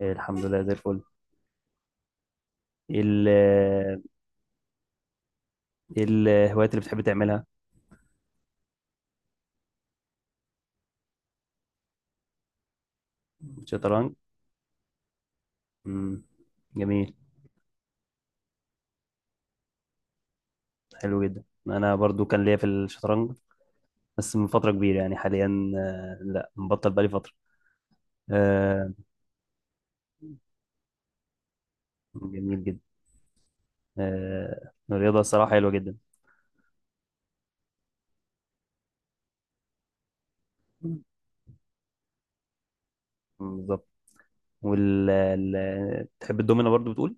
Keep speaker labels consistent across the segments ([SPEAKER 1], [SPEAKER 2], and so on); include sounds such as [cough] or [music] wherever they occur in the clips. [SPEAKER 1] إيه، الحمد لله زي الفل. إيه ال إيه الهوايات اللي بتحب تعملها؟ شطرنج. مم. جميل. حلو جدا، انا برضو كان ليا في الشطرنج، بس من فترة كبيرة يعني. حاليا لا، مبطل بقالي فترة. آه، جميل جدا. الرياضة الصراحة حلوة جدا. مم، بالظبط. تحب الدومينة برضو بتقول؟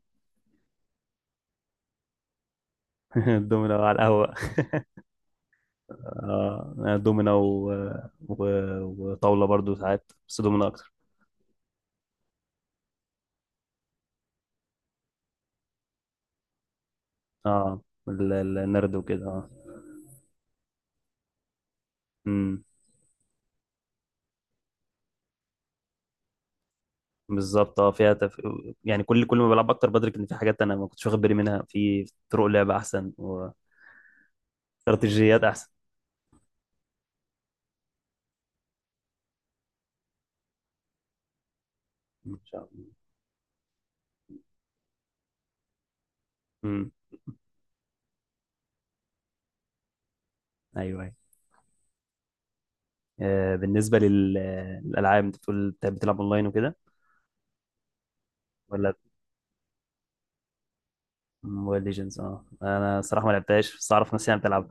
[SPEAKER 1] [laughs] الدومينة على القهوة. أنا دومينة و... وطاولة برضو ساعات، بس دومينة أكتر. اه، النرد وكده، اه. امم بالظبط. اه، يعني كل ما بلعب اكتر بدرك ان في حاجات انا ما كنتش واخد بالي منها، في طرق لعب احسن واستراتيجيات احسن. ان شاء الله. امم. ايوه ايوه. بالنسبه للالعاب، انت بتقول بتلعب اونلاين وكده ولا؟ موبايل ليجندز، اه. انا صراحه ما لعبتهاش، بس اعرف ناس يعني بتلعبها.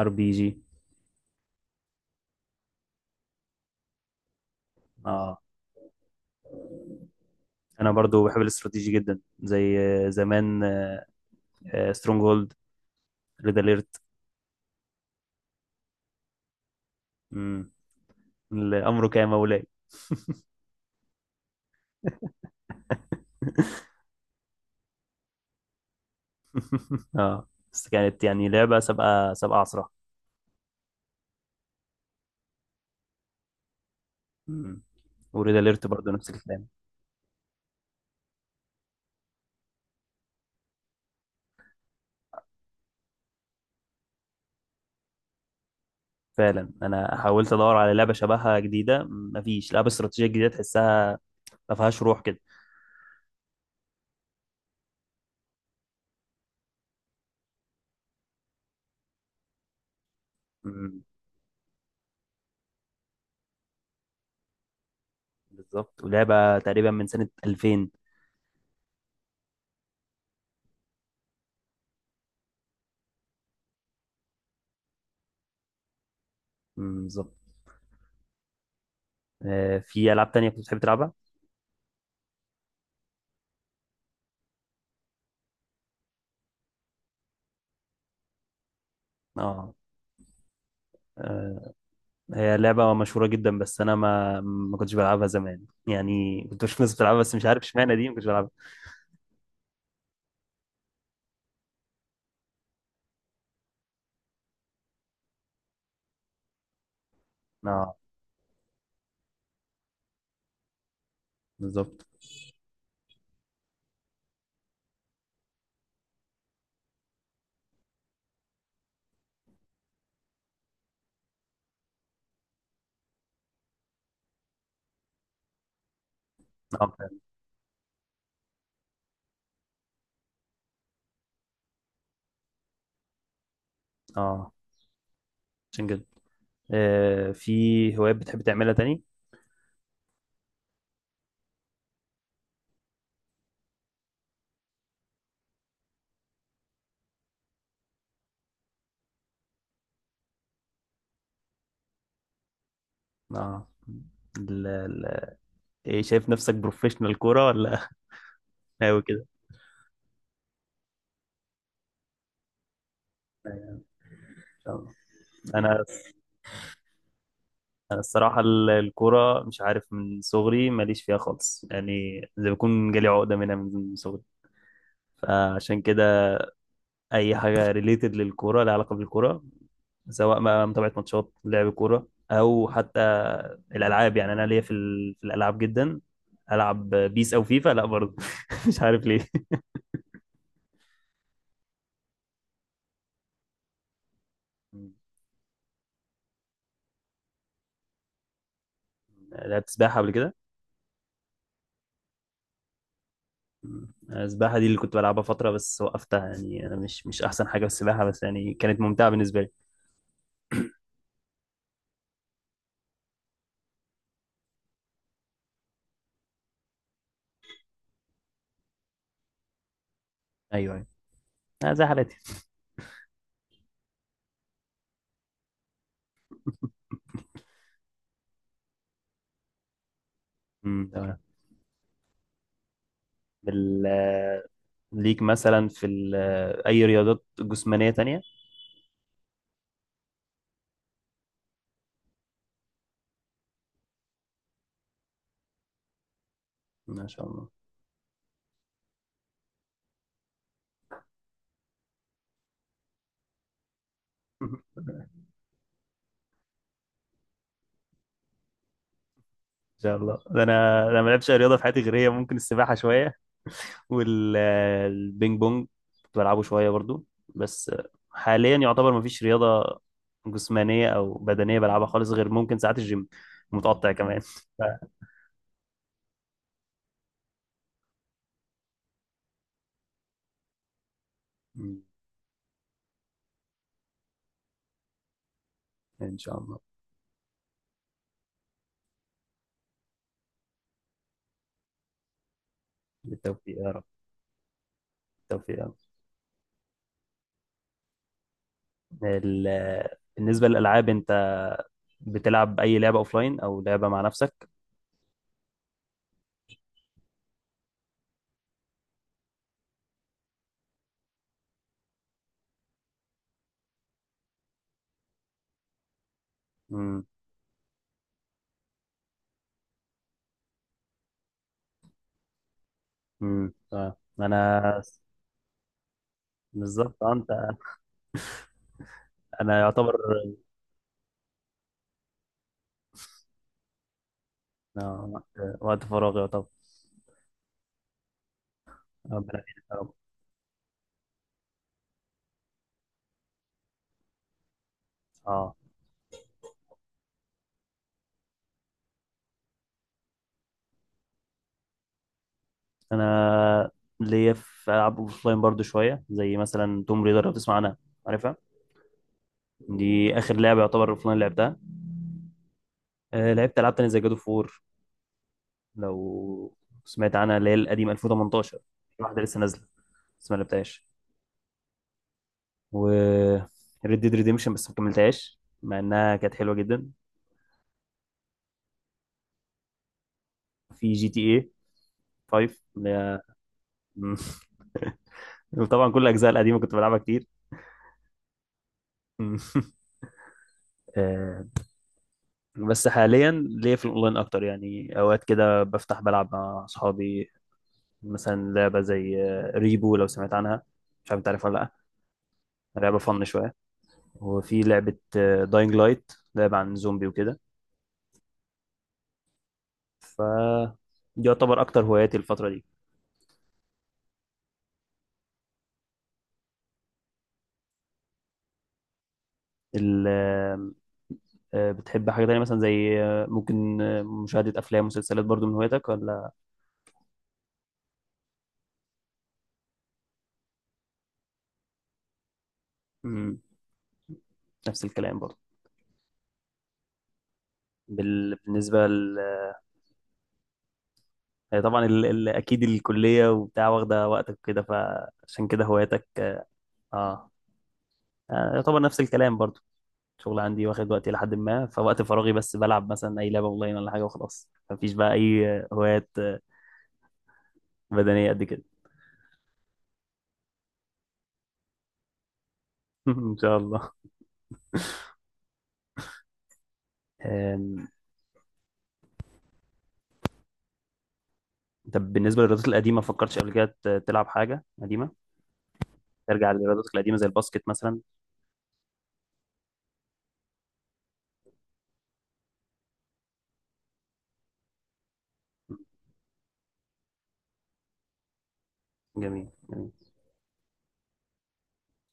[SPEAKER 1] ار بي جي. اه. انا برضو بحب الاستراتيجي جدا، زي زمان سترونج هولد، ريد اليرت. امم. الامر كان مولاي. [laughs] اه. بس كانت يعني لعبة سابقة سابقة عصرها. مم. وريد اليرت برضه نفس الكلام. فعلا، انا حاولت ادور على لعبة شبهها جديدة، مفيش لعبة استراتيجية جديدة تحسها ما فيهاش روح كده. مم. بالظبط. ولعبة تقريبا من سنة 2000. مم. بالظبط. في العاب تانية كنت بتحب تلعبها؟ اه. آه، هي لعبة مشهورة جدا، بس أنا ما ما كنتش بلعبها زمان يعني، كنت بشوف ناس بتلعبها بس مش عارف اشمعنى دي ما كنتش بلعبها. اه. بالظبط. اه فعلا. اه. عشان كده. في هوايات بتحب تعملها تاني؟ اه، ال- ال- ايه، شايف نفسك بروفيشنال كورة، ولا [laughs] هاوي كده؟ آه. انا انا الصراحة الكورة مش عارف، من صغري ماليش فيها خالص يعني، زي بكون جالي عقدة منها من صغري، فعشان كده اي حاجة ريليتد للكورة، لها علاقة بالكورة، سواء ما متابعة ماتشات لعب كورة او حتى الالعاب يعني، انا ليا في الالعاب جدا. العب بيس او فيفا، لا برضه. [laughs] مش عارف ليه. [laughs] لعبت سباحة قبل كده. السباحة دي اللي كنت بلعبها فترة بس وقفتها، يعني أنا مش أحسن حاجة في السباحة، بس يعني كانت ممتعة بالنسبة لي. أيوه أيوه. زي حالاتي. أمم، تمام. بال آه، ليك مثلا في ال... آه، أي رياضات جسمانية تانية؟ ما شاء الله. [laughs] إن شاء الله. ده أنا ما لعبتش أي رياضة في حياتي غير هي، ممكن السباحة شوية والبينج بونج كنت بلعبه شوية برضو. بس حاليا يعتبر ما فيش رياضة جسمانية أو بدنية بلعبها خالص، غير ممكن ساعات الجيم، متقطع كمان. [laughs] ف... ان شاء الله. بالتوفيق يا رب. بالتوفيق يا رب. ال... بالنسبه للالعاب، انت بتلعب اي لعبه اوفلاين او لعبه مع نفسك؟ امم. امم. اه، بالظبط. انت انا يعتبر. آه، وقت وقت فراغي يعتبر. ربنا يعينك يا رب. اه، انا ليا في العاب اوفلاين برضو شويه، زي مثلا توم ريدر، لو تسمع عنها. عارفها. دي اخر لعبه يعتبر اوفلاين لعبتها. لعبت العاب تانية زي جادو فور لو سمعت عنها، اللي هي القديمه 2018. في واحده لسه نازله بس ما لعبتهاش. و ريد ديد ريديمشن بس ما كملتهاش مع انها كانت حلوه جدا. في جي تي اي 5 اللي هي. [laughs] وطبعا كل الاجزاء القديمه كنت بلعبها كتير. [laughs] آه، بس حاليا ليا في الاونلاين اكتر يعني، اوقات كده بفتح بلعب مع اصحابي، مثلا لعبه زي ريبو لو سمعت عنها، مش عارف انت عارفها ولا. لا، لعبه فن شويه. وفي لعبه داينج لايت، لعبه عن زومبي وكده. ف دي يعتبر اكتر هواياتي الفتره دي. ال... آه، بتحب حاجه تانية مثلا زي ممكن مشاهده افلام ومسلسلات، برضو من هواياتك ولا؟ مم. نفس الكلام برضو. بال... بالنسبه ل... هي طبعا اكيد الكليه وبتاع واخده وقتك كده، فعشان كده هواياتك. اه. يعتبر نفس الكلام برضو. شغل عندي واخد وقتي لحد ما، فوقت فراغي بس بلعب مثلا اي لعبه اونلاين ولا حاجه، وخلاص مفيش بقى اي هوايات بدنيه قد كده. [laughs] ان شاء الله. آم، طب بالنسبة للرياضات القديمة، فكرتش قبل كده تلعب حاجة قديمة، ترجع للرياضات القديمة زي الباسكت مثلا؟ جميل جميل